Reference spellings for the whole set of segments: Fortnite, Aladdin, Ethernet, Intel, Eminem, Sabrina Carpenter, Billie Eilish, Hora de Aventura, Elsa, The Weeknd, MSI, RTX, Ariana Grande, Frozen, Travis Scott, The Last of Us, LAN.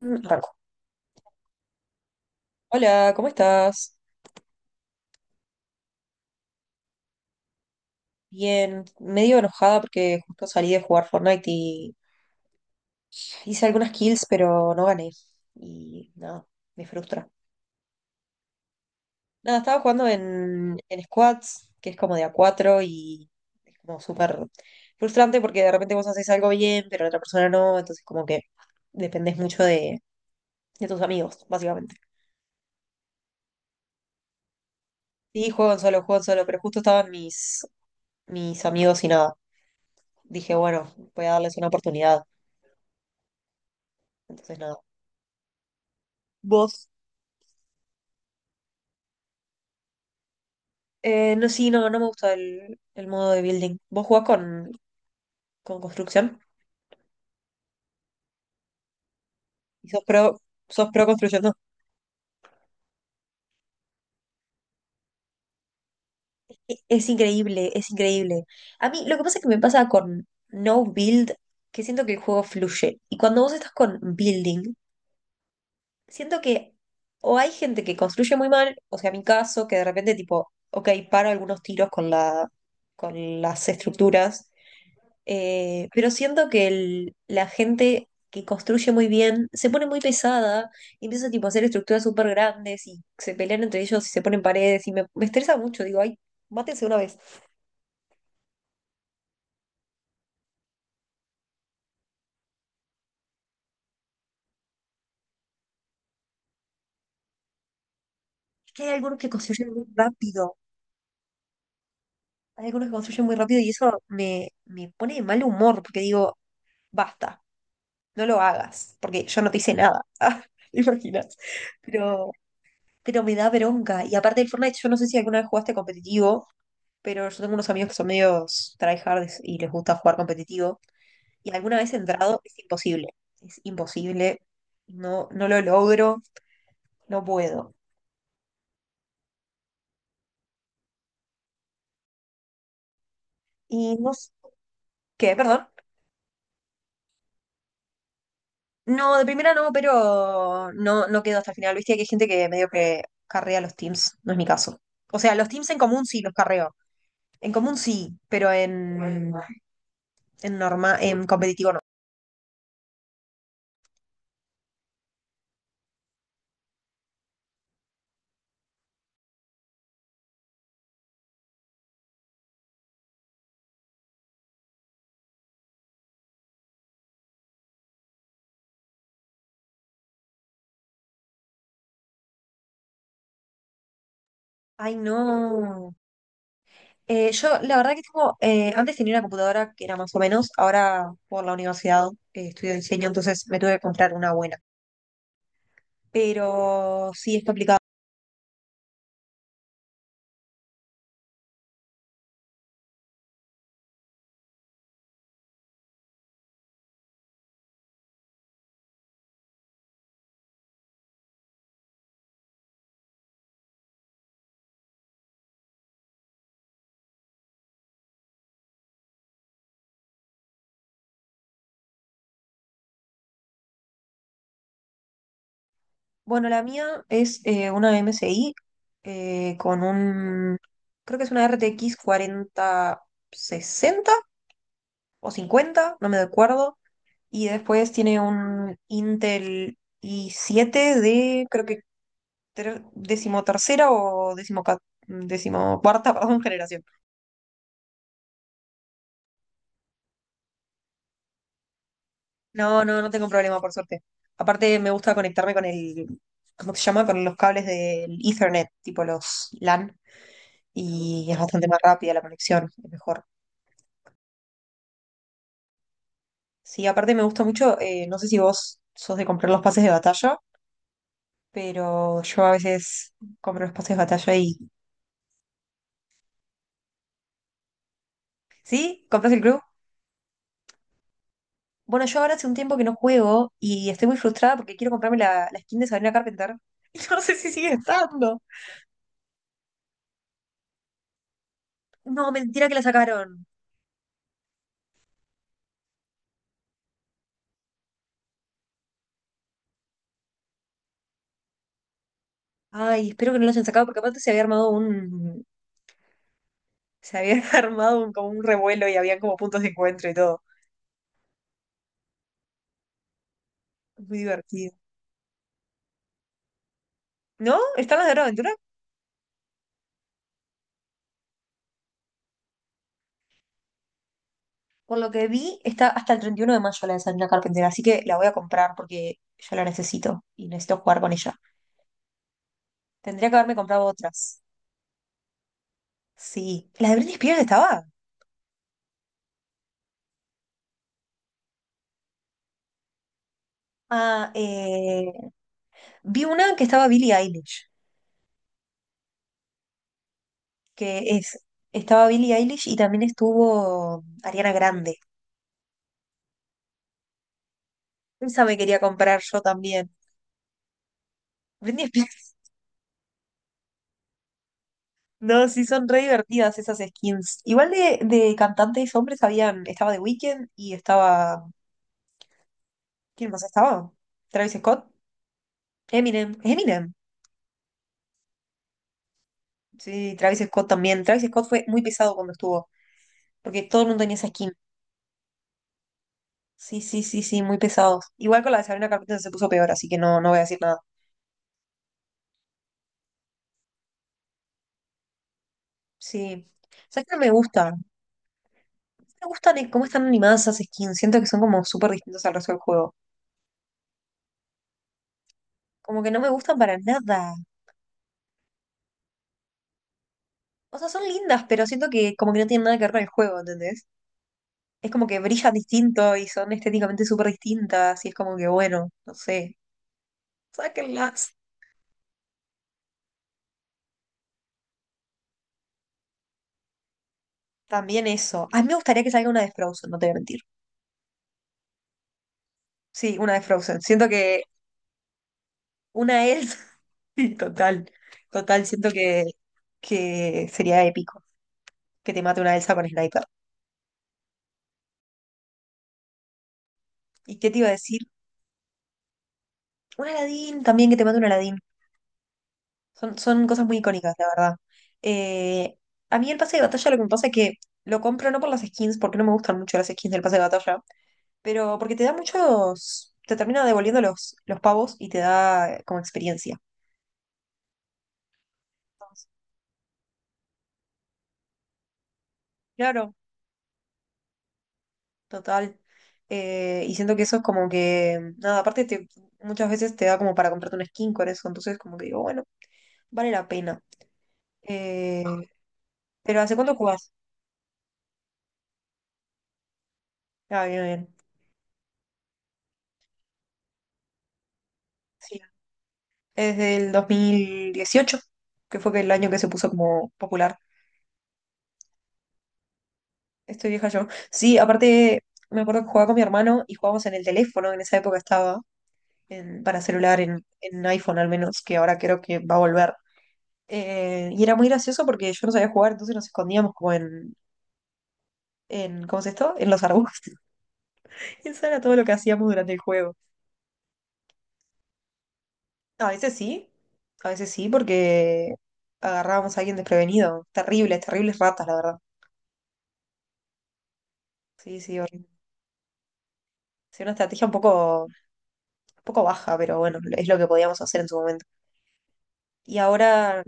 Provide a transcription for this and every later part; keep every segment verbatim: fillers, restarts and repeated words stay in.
Mm, Arranco. Hola, ¿cómo estás? Bien, medio enojada porque justo salí de jugar Fortnite y hice algunas kills, pero no gané. Y nada, me frustra. Nada, estaba jugando en, en squads, que es como de a cuatro y es como súper frustrante porque de repente vos haces algo bien, pero la otra persona no, entonces como que dependés mucho de, de tus amigos, básicamente. Sí, juego en solo, juego en solo, pero justo estaban mis, mis amigos y nada. Dije, bueno, voy a darles una oportunidad. Entonces nada. Vos, eh, no, sí, no, no me gusta el, el modo de building. ¿Vos jugás con, con construcción? ¿Y sos pro, sos pro construcción? No. E- Es, increíble, es increíble. A mí lo que pasa es que me pasa con no build, que siento que el juego fluye. Y cuando vos estás con building, siento que o hay gente que construye muy mal, o sea, mi caso, que de repente tipo, ok, paro algunos tiros con la, con las estructuras. Eh, pero siento que el- la gente que construye muy bien se pone muy pesada y empieza tipo, a hacer estructuras súper grandes y se pelean entre ellos y se ponen paredes y me, me estresa mucho. Digo, ay, mátense una vez. Es que hay algunos que construyen muy rápido. Hay algunos que construyen muy rápido y eso me, me pone de mal humor porque digo, basta, no lo hagas porque yo no te hice nada. Ah, ¿te imaginas? Pero, pero me da bronca. Y aparte del Fortnite, yo no sé si alguna vez jugaste competitivo, pero yo tengo unos amigos que son medios tryhards y les gusta jugar competitivo. Y alguna vez he entrado, es imposible. Es imposible. No, no lo logro, no puedo. Y no s- ¿Qué? Perdón. No, de primera no, pero no, no quedo hasta el final. Viste que hay gente que medio que carrea los teams. No es mi caso. O sea, los teams en común sí los carreo. En común sí, pero en, en norma, en competitivo no. Ay, no. Eh, yo, la verdad que tengo, eh, antes tenía una computadora que era más o menos, ahora por la universidad eh, estudio diseño, entonces me tuve que comprar una buena. Pero sí, es complicado. Bueno, la mía es eh, una M S I eh, con un, creo que es una R T X sesenta o cincuenta, no me acuerdo. Y después tiene un Intel i siete de, creo que ter- décimo tercera o décimo, décimo cuarta, perdón, generación. No, no, no tengo problema, por suerte. Aparte, me gusta conectarme con el, ¿cómo se llama? Con los cables del Ethernet, tipo los LAN, y es bastante más rápida la conexión, es mejor. Sí, aparte me gusta mucho, eh, no sé si vos sos de comprar los pases de batalla, pero yo a veces compro los pases de batalla y... ¿Sí? ¿Compras el club? Bueno, yo ahora hace un tiempo que no juego y estoy muy frustrada porque quiero comprarme la, la skin de Sabrina Carpenter. Y no sé si sigue estando. No, mentira que la sacaron. Ay, espero que no los hayan sacado porque aparte se había armado un, se había armado un, como un revuelo, y habían como puntos de encuentro y todo. Muy divertido. ¿No? ¿Están las de Hora de Aventura? Por lo que vi, está hasta el treinta y uno de mayo la de Sabrina Carpenter, así que la voy a comprar porque yo la necesito y necesito jugar con ella. Tendría que haberme comprado otras. Sí. ¿La de Britney Spears estaba? Ah, eh, vi una que estaba Billie Eilish, que es, estaba Billie Eilish y también estuvo Ariana Grande. Esa me quería comprar yo también. Britney Spears. No, sí son re divertidas esas skins. Igual de, de cantantes hombres habían, estaba The Weeknd y estaba, ¿quién más estaba? Travis Scott, Eminem, Eminem. Sí, Travis Scott también. Travis Scott fue muy pesado cuando estuvo, porque todo el mundo tenía esa skin. Sí, sí, sí, sí, muy pesados. Igual con la de Sabrina Carpenter se puso peor, así que no, no voy a decir nada. Sí. ¿Sabes qué no me gusta? Me gustan eh, cómo están animadas esas skins. Siento que son como súper distintas al resto del juego. Como que no me gustan para nada. O sea, son lindas, pero siento que como que no tienen nada que ver con el juego, ¿entendés? Es como que brillan distinto y son estéticamente súper distintas, y es como que, bueno, no sé, sáquenlas. También eso. A mí me gustaría que salga una de Frozen, no te voy a mentir. Sí, una de Frozen. Siento que una es Sí, total, total, siento que, que sería épico que te mate una Elsa con Sniper. ¿Y qué te iba a decir? Un Aladdin también, que te mate un Aladdin. Son, son cosas muy icónicas, la verdad. Eh, a mí el pase de batalla lo que me pasa es que lo compro no por las skins, porque no me gustan mucho las skins del pase de batalla. Pero porque te da muchos, te termina devolviendo los, los pavos y te da eh, como experiencia. Claro. Total. Eh, y siento que eso es como que, nada, aparte te, muchas veces te da como para comprarte un skin con eso, entonces como que digo, bueno, vale la pena. Eh, pero ¿hace cuánto jugás? Ah, bien, bien. Sí. Desde el dos mil dieciocho, que fue que el año que se puso como popular. Estoy vieja yo. Sí, aparte me acuerdo que jugaba con mi hermano y jugábamos en el teléfono, en esa época estaba. en- para celular, en, en iPhone al menos, que ahora creo que va a volver. Eh, y era muy gracioso porque yo no sabía jugar, entonces nos escondíamos como en, en ¿cómo es esto? En los arbustos. Eso era todo lo que hacíamos durante el juego. A veces sí, a veces sí, porque agarrábamos a alguien desprevenido. Terribles, terribles ratas, la verdad. Sí, sí, horrible. Sí, una estrategia un poco, un poco baja, pero bueno, es lo que podíamos hacer en su momento. Y ahora,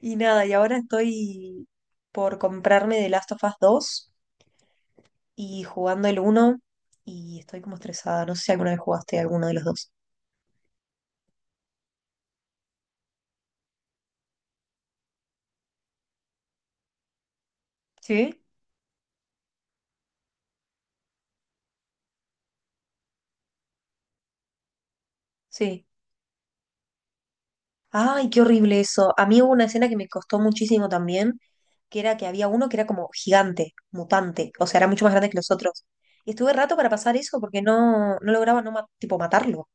y nada, y ahora estoy por comprarme The Last of Us dos y jugando el uno, y estoy como estresada. No sé si alguna vez jugaste alguno de los dos. ¿Sí? Sí. Ay, qué horrible eso. A mí hubo una escena que me costó muchísimo también, que era que había uno que era como gigante, mutante, o sea, era mucho más grande que los otros. Y estuve rato para pasar eso porque no, no, lograba no ma- tipo matarlo.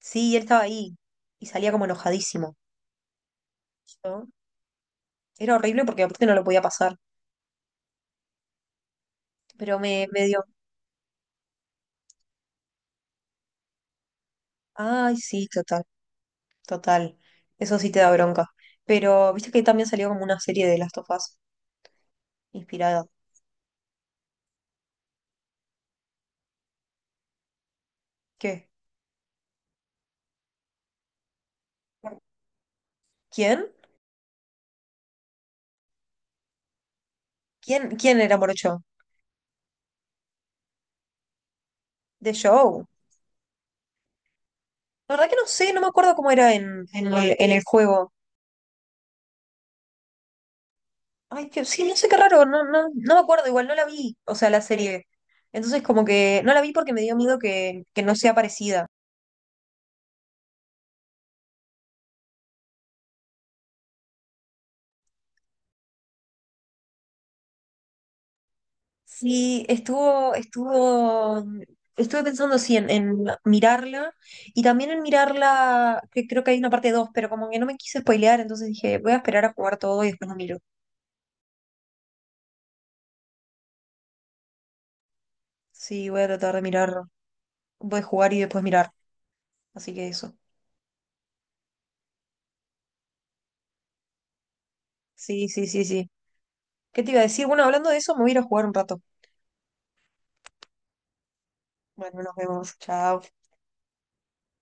Sí, y él estaba ahí y salía como enojadísimo. Yo- Era horrible porque aparte no lo podía pasar, pero me, me dio... Ay, sí, total. Total, eso sí te da bronca. Pero viste que también salió como una serie de Last of Us inspirada. ¿Qué? ¿Quién? ¿Quién, quién era Morocho? The Show. La verdad que no sé, no me acuerdo cómo era en, en el, en el juego. Ay, que sí, no sé, qué raro, no, no, no me acuerdo, igual no la vi, o sea, la serie. Entonces como que no la vi porque me dio miedo que, que no sea parecida. Sí, estuvo, estuvo, mm, estuve pensando sí en, en mirarla y también en mirarla, que creo que hay una parte dos pero como que no me quise spoilear, entonces dije, voy a esperar a jugar todo y después lo miro. Sí, voy a tratar de mirar, voy a jugar y después mirar. Así que eso. Sí, sí, sí, sí. ¿Qué te iba a decir? Bueno, hablando de eso, me voy a ir a jugar un rato. Bueno, nos vemos. Chao.